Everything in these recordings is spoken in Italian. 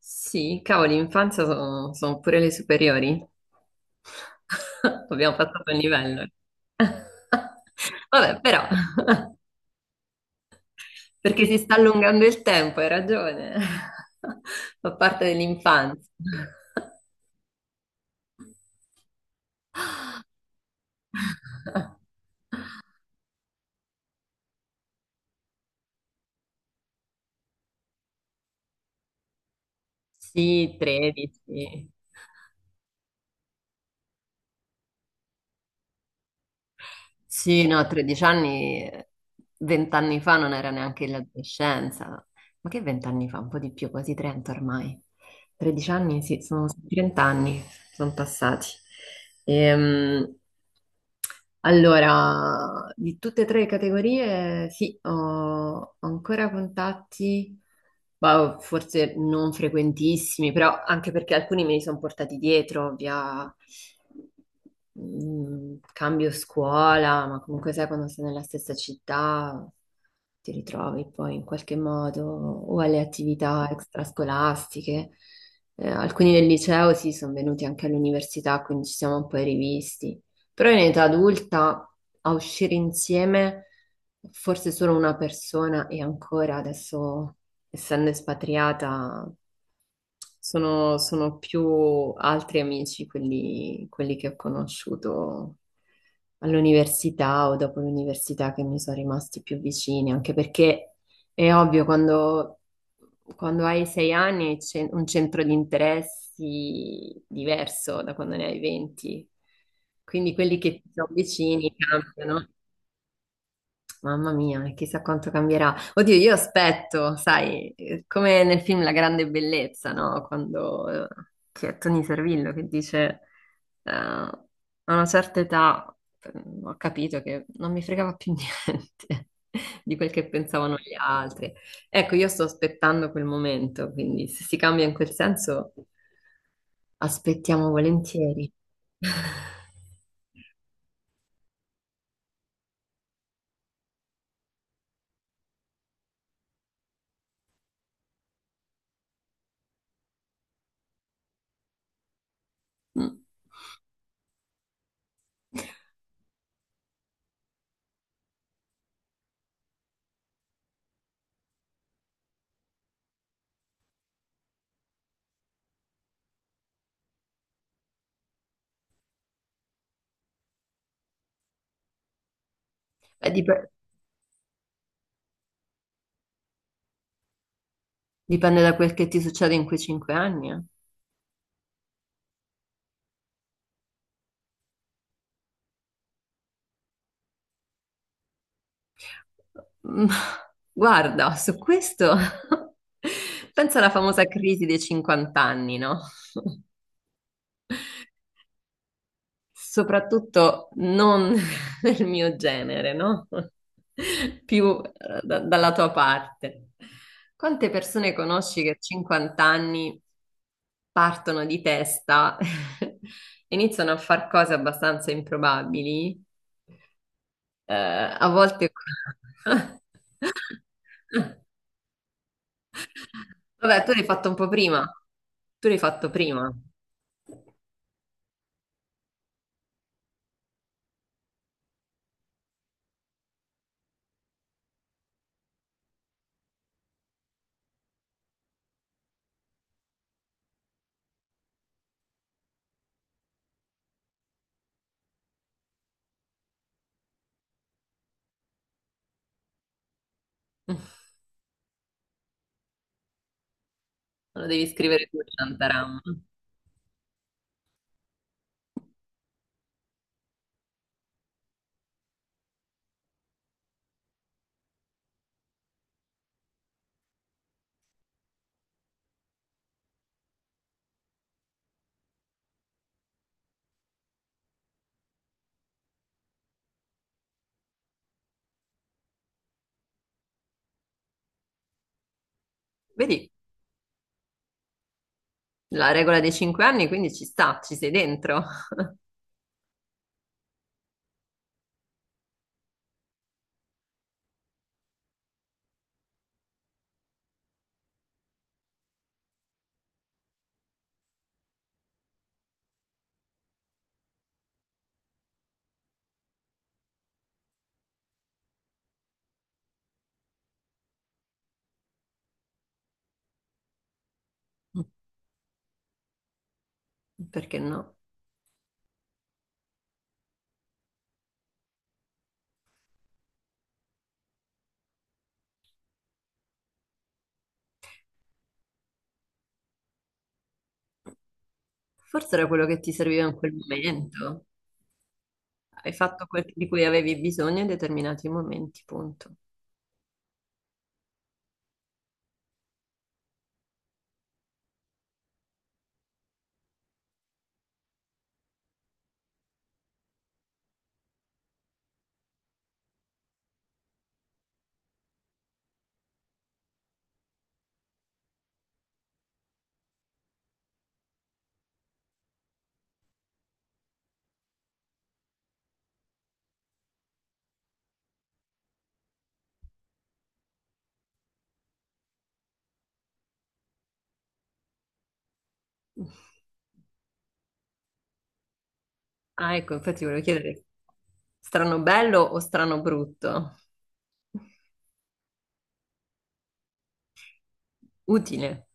Sì, cavolo, l'infanzia sono pure le superiori. Abbiamo passato il livello. Vabbè, però, perché si sta allungando il tempo, hai ragione. Fa parte dell'infanzia. Sì, 13. Sì, no, 13 anni, vent'anni fa non era neanche l'adolescenza. Ma che vent'anni fa? Un po' di più, quasi 30 ormai. 13 anni, sì, sono 30 anni, sono passati. Ehm, allora, di tutte e tre le categorie, sì, ho ancora contatti, ma forse non frequentissimi, però anche perché alcuni me li sono portati dietro via cambio scuola, ma comunque sai quando sei nella stessa città ti ritrovi poi in qualche modo o alle attività extrascolastiche. Alcuni del liceo sì, sono venuti anche all'università, quindi ci siamo un po' rivisti. Però in età adulta a uscire insieme, forse solo una persona e ancora adesso, essendo espatriata, sono più altri amici quelli che ho conosciuto all'università o dopo l'università che mi sono rimasti più vicini, anche perché è ovvio quando hai sei anni hai un centro di interessi diverso da quando ne hai 20. Quindi quelli che ti sono vicini cambiano. Mamma mia, e chissà quanto cambierà. Oddio, io aspetto, sai, come nel film La grande bellezza, no? Quando c'è Tony Servillo che dice, a una certa età eh, ho capito che non mi fregava più niente di quel che pensavano gli altri. Ecco, io sto aspettando quel momento, quindi se si cambia in quel senso, aspettiamo volentieri. Mm. Beh, dipende da quel che ti succede in quei 5 anni, eh. Mm, Guarda, su questo penso alla famosa crisi dei 50 anni, no? Soprattutto non nel mio genere, no? Più dalla tua parte. Quante persone conosci che a 50 anni partono di testa, iniziano a fare cose abbastanza improbabili, eh, a volte... Vabbè, tu l'hai fatto un po' prima. Tu l'hai fatto prima. Lo devi scrivere tu, Shantaram. Vedi, la regola dei 5 anni, quindi ci sta, ci sei dentro. Perché no? Forse era quello che ti serviva in quel momento. Hai fatto quel di cui avevi bisogno in determinati momenti, punto. Ah, ecco, infatti volevo chiedere, strano bello o strano brutto? Utile.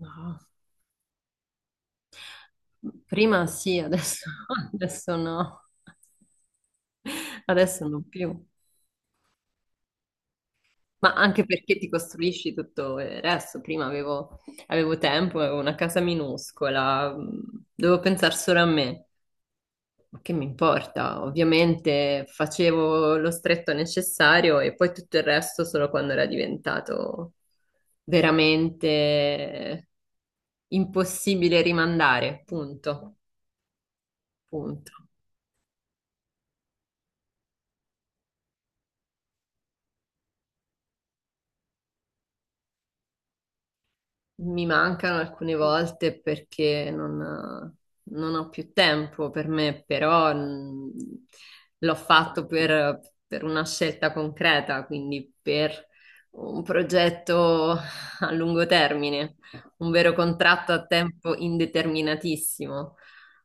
No. Prima sì, adesso, adesso no. Adesso non più. Ma anche perché ti costruisci tutto il resto. Prima avevo tempo, avevo una casa minuscola, dovevo pensare solo a me. Ma che mi importa? Ovviamente facevo lo stretto necessario e poi tutto il resto solo quando era diventato veramente impossibile rimandare. Punto. Punto. Mi mancano alcune volte perché non ho più tempo per me, però l'ho fatto per una scelta concreta, quindi per un progetto a lungo termine, un vero contratto a tempo indeterminatissimo.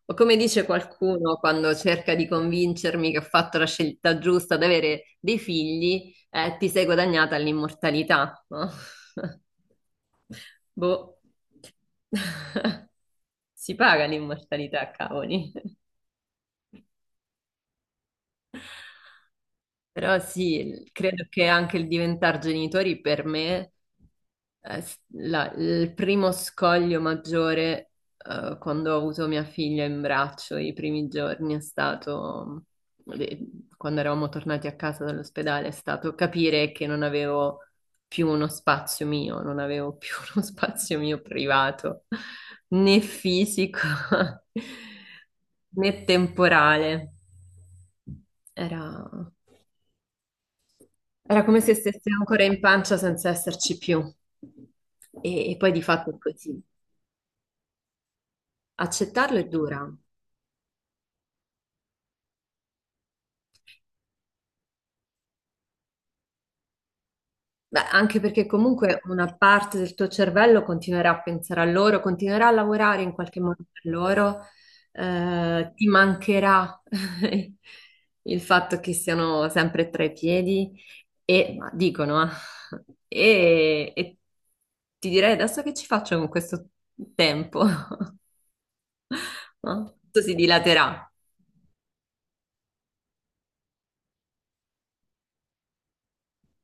O come dice qualcuno quando cerca di convincermi che ho fatto la scelta giusta ad avere dei figli, ti sei guadagnata l'immortalità, no? Boh. Si paga l'immortalità, cavoli. Però sì, credo che anche il diventare genitori per me, il primo scoglio maggiore, quando ho avuto mia figlia in braccio i primi giorni è stato, le- quando eravamo tornati a casa dall'ospedale, è stato capire che non avevo più uno spazio mio, non avevo più uno spazio mio privato, né fisico, né temporale. Era... Era come se stesse ancora in pancia senza esserci più. E poi di fatto è così. Accettarlo è dura. Beh, anche perché comunque una parte del tuo cervello continuerà a pensare a loro, continuerà a lavorare in qualche modo per loro, ti mancherà il fatto che siano sempre tra i piedi e ma dicono, e ti direi adesso che ci faccio con questo tempo? No? Tutto si dilaterà.